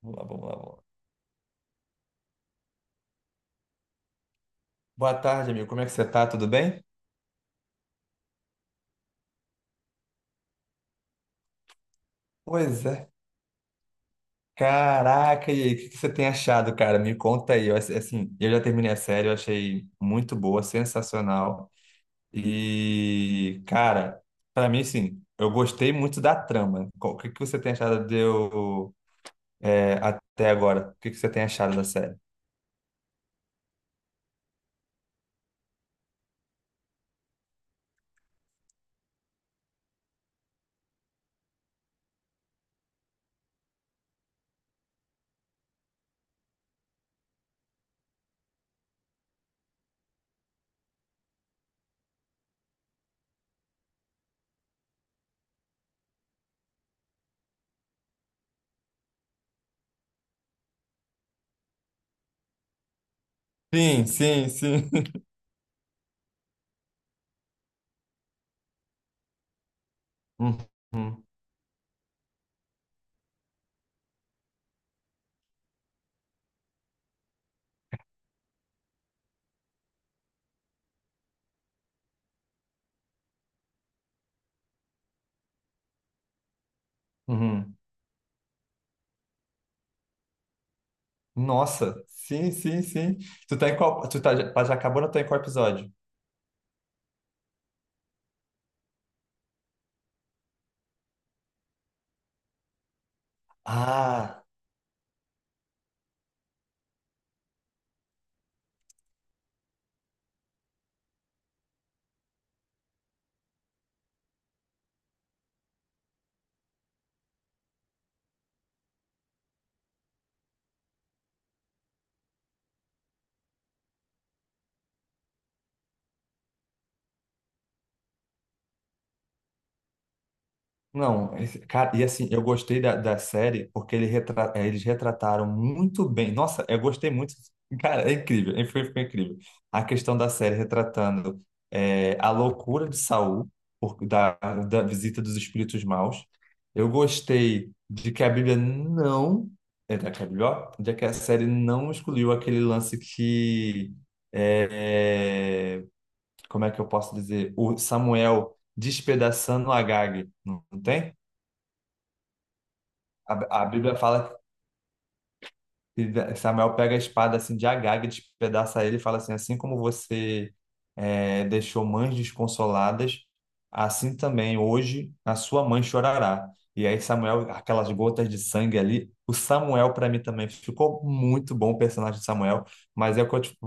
Vamos lá, vamos lá, vamos lá. Boa tarde, amigo. Como é que você tá? Tudo bem? Pois é. Caraca, e aí, o que que você tem achado, cara? Me conta aí. Eu, assim, eu já terminei a série, eu achei muito boa, sensacional. E, cara, pra mim, sim, eu gostei muito da trama. O que que você tem achado de eu, até agora? O que que você tem achado da série? Sim, sim, sim. Uhum, uhum. Nossa, sim, sim, sim. Tu tá em qual? Tu tá, já já acabou, não tá em qual episódio? Ah. Não, cara, e assim, eu gostei da série porque ele eles retrataram muito bem. Nossa, eu gostei muito. Cara, é incrível, foi incrível. A questão da série retratando a loucura de Saul, por- da, da visita dos espíritos maus. Eu gostei de que a Bíblia não. É, da que a Bíblia, ó, de que a série não excluiu aquele lance que. eh, Como é que eu posso dizer? O Samuel despedaçando Agag, não tem? A Bíblia fala que Samuel pega a espada assim de Agag, despedaça ele e fala assim: assim como você deixou mães desconsoladas, assim também hoje a sua mãe chorará. E aí Samuel, aquelas gotas de sangue ali, o Samuel para mim também ficou muito bom o personagem de Samuel, mas é o que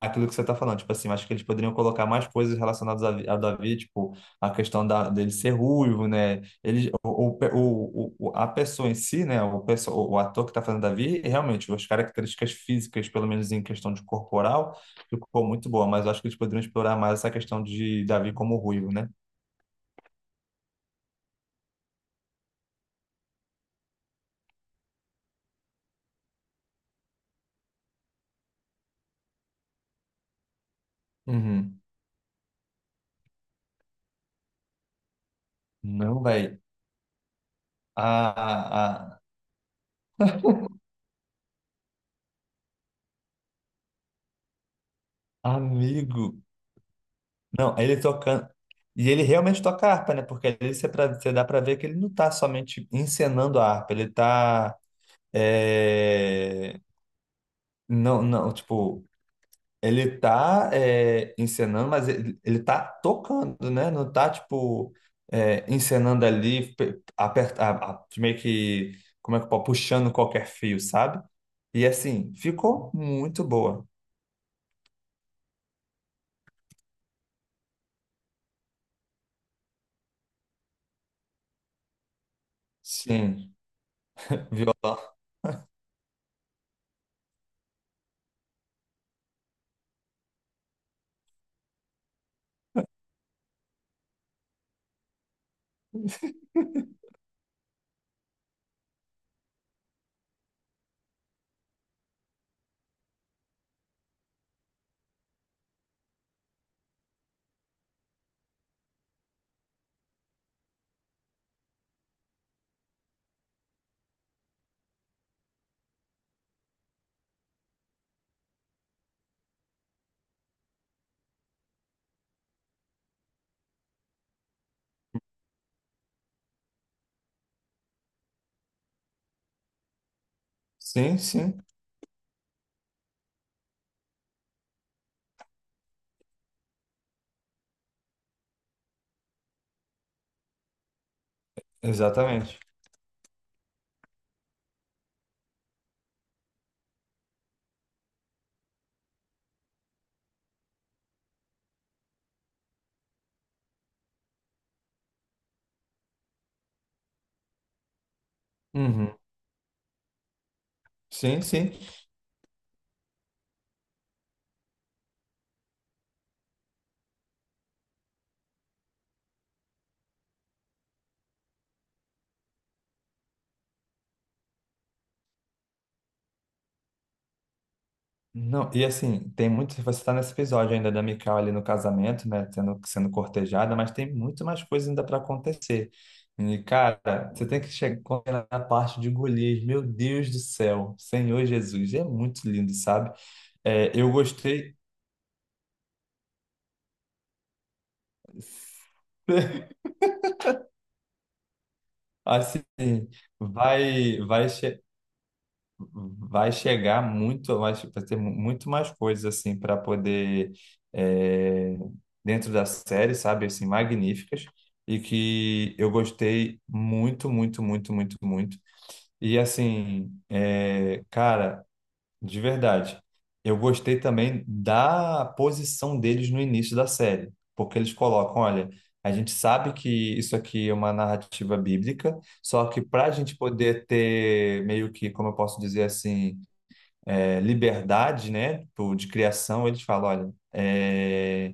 aquilo que você está falando, tipo assim, eu acho que eles poderiam colocar mais coisas relacionadas a Davi, tipo, a questão dele ser ruivo, né? ele o- A pessoa em si, né? O ator que está fazendo Davi, realmente, as características físicas, pelo menos em questão de corporal, ficou muito boa, mas eu acho que eles poderiam explorar mais essa questão de Davi como ruivo, né? Uhum. Não, velho. A, a- amigo. Não, ele tocando. E ele realmente toca harpa, né? Porque ali você, você dá pra ver que ele não tá somente encenando a harpa, ele tá. é, Não, não, tipo, ele tá encenando, mas ele tá tocando, né? Não tá, tipo, encenando ali, meio que, como é que pode, puxando qualquer fio, sabe? E assim, ficou muito boa. Sim, violão. Sim, sim, exatamente. Uhum. Sim, sim. Não, e assim, tem muito. Você está nesse episódio ainda da Mikau ali no casamento, né? Tendo, sendo cortejada, mas tem muito mais coisa ainda para acontecer. E, cara, você tem que chegar na parte de Golias. Meu Deus do céu, Senhor Jesus, é muito lindo, sabe? É, eu gostei. Assim, vai, vai. Vai chegar muito, vai ter muito mais coisas assim para poder é, dentro da série, sabe, assim, magníficas e que eu gostei muito, muito, muito, muito, muito. E assim, é, cara, de verdade, eu gostei também da posição deles no início da série, porque eles colocam, olha, a gente sabe que isso aqui é uma narrativa bíblica, só que para a gente poder ter meio que, como eu posso dizer assim liberdade, né, tipo, de criação, eles falam, olha, é,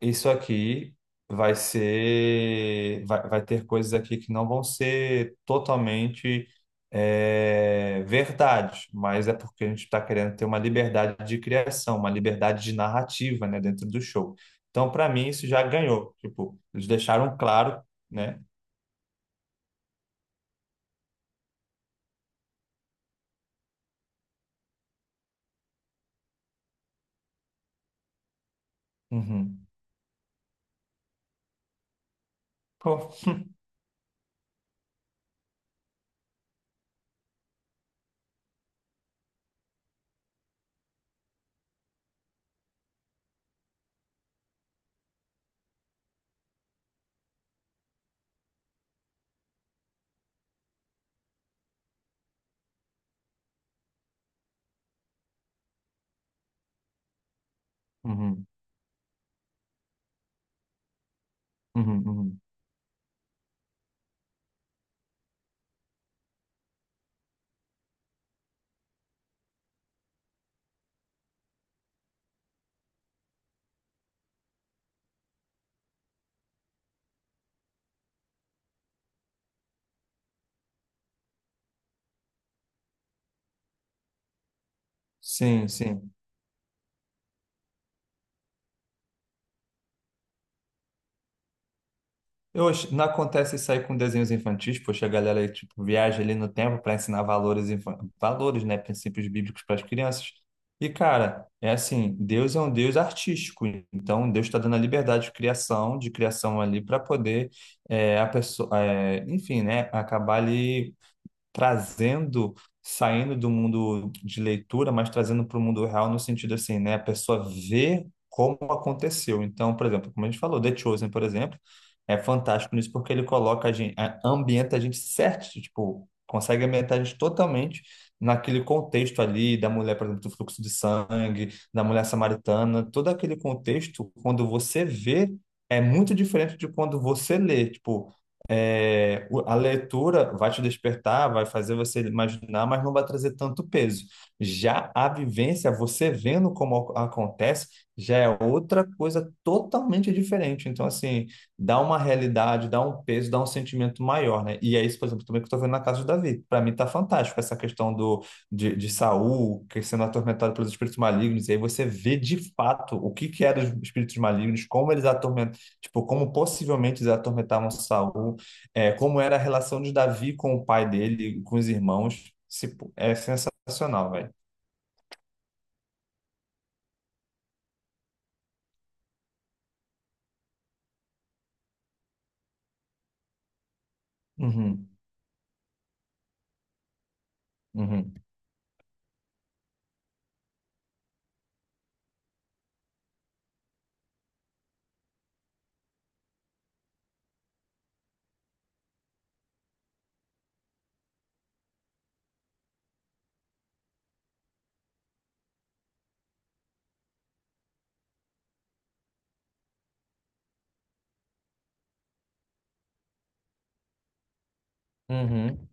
isso aqui vai ser, vai ter coisas aqui que não vão ser totalmente verdade, mas é porque a gente está querendo ter uma liberdade de criação, uma liberdade de narrativa, né, dentro do show. Então, para mim, isso já ganhou. Tipo, eles deixaram claro, né? Uhum. Pô. Uhum. Uhum. Uhum. Sim, sim. Eu, não acontece isso aí com desenhos infantis, poxa, a galera tipo, viaja ali no tempo para ensinar valores, né, princípios bíblicos para as crianças. E, cara, é assim, Deus é um Deus artístico, então Deus está dando a liberdade de criação ali para poder a pessoa, é, enfim, né, acabar ali trazendo, saindo do mundo de leitura, mas trazendo para o mundo real no sentido assim, né? A pessoa vê como aconteceu. Então, por exemplo, como a gente falou, The Chosen, por exemplo, é fantástico nisso porque ele coloca a gente, ambienta a gente certo, tipo, consegue ambientar a gente totalmente naquele contexto ali da mulher, por exemplo, do fluxo de sangue, da mulher samaritana, todo aquele contexto, quando você vê, é muito diferente de quando você lê, tipo a leitura vai te despertar, vai fazer você imaginar, mas não vai trazer tanto peso. Já a vivência, você vendo como acontece, já é outra coisa totalmente diferente. Então, assim, dá uma realidade, dá um peso, dá um sentimento maior, né? E é isso, por exemplo, também que eu tô vendo na casa do Davi. Para mim tá fantástico essa questão de Saul que sendo atormentado pelos espíritos malignos, e aí você vê de fato o que que eram os espíritos malignos, como eles atormentam, tipo, como possivelmente eles atormentavam Saul como era a relação de Davi com o pai dele, com os irmãos, é sensacional, velho. Uhum, uhum, uhum,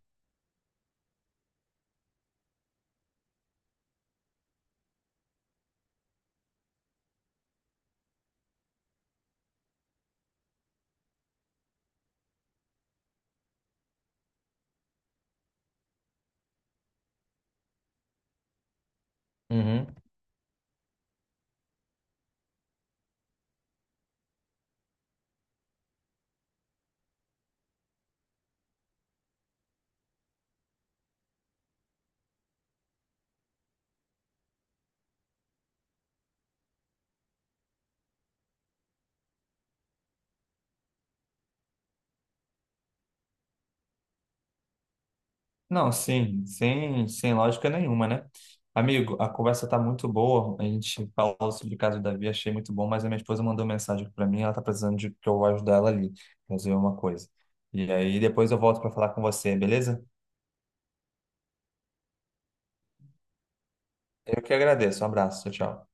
uhum. Não, sim, sem, sem lógica nenhuma, né? Amigo, a conversa tá muito boa. A gente falou sobre o caso do Davi, achei muito bom, mas a minha esposa mandou mensagem para mim, ela tá precisando de que eu vou ajudar ela ali, fazer uma coisa. E aí depois eu volto para falar com você, beleza? Eu que agradeço. Um abraço, tchau, tchau.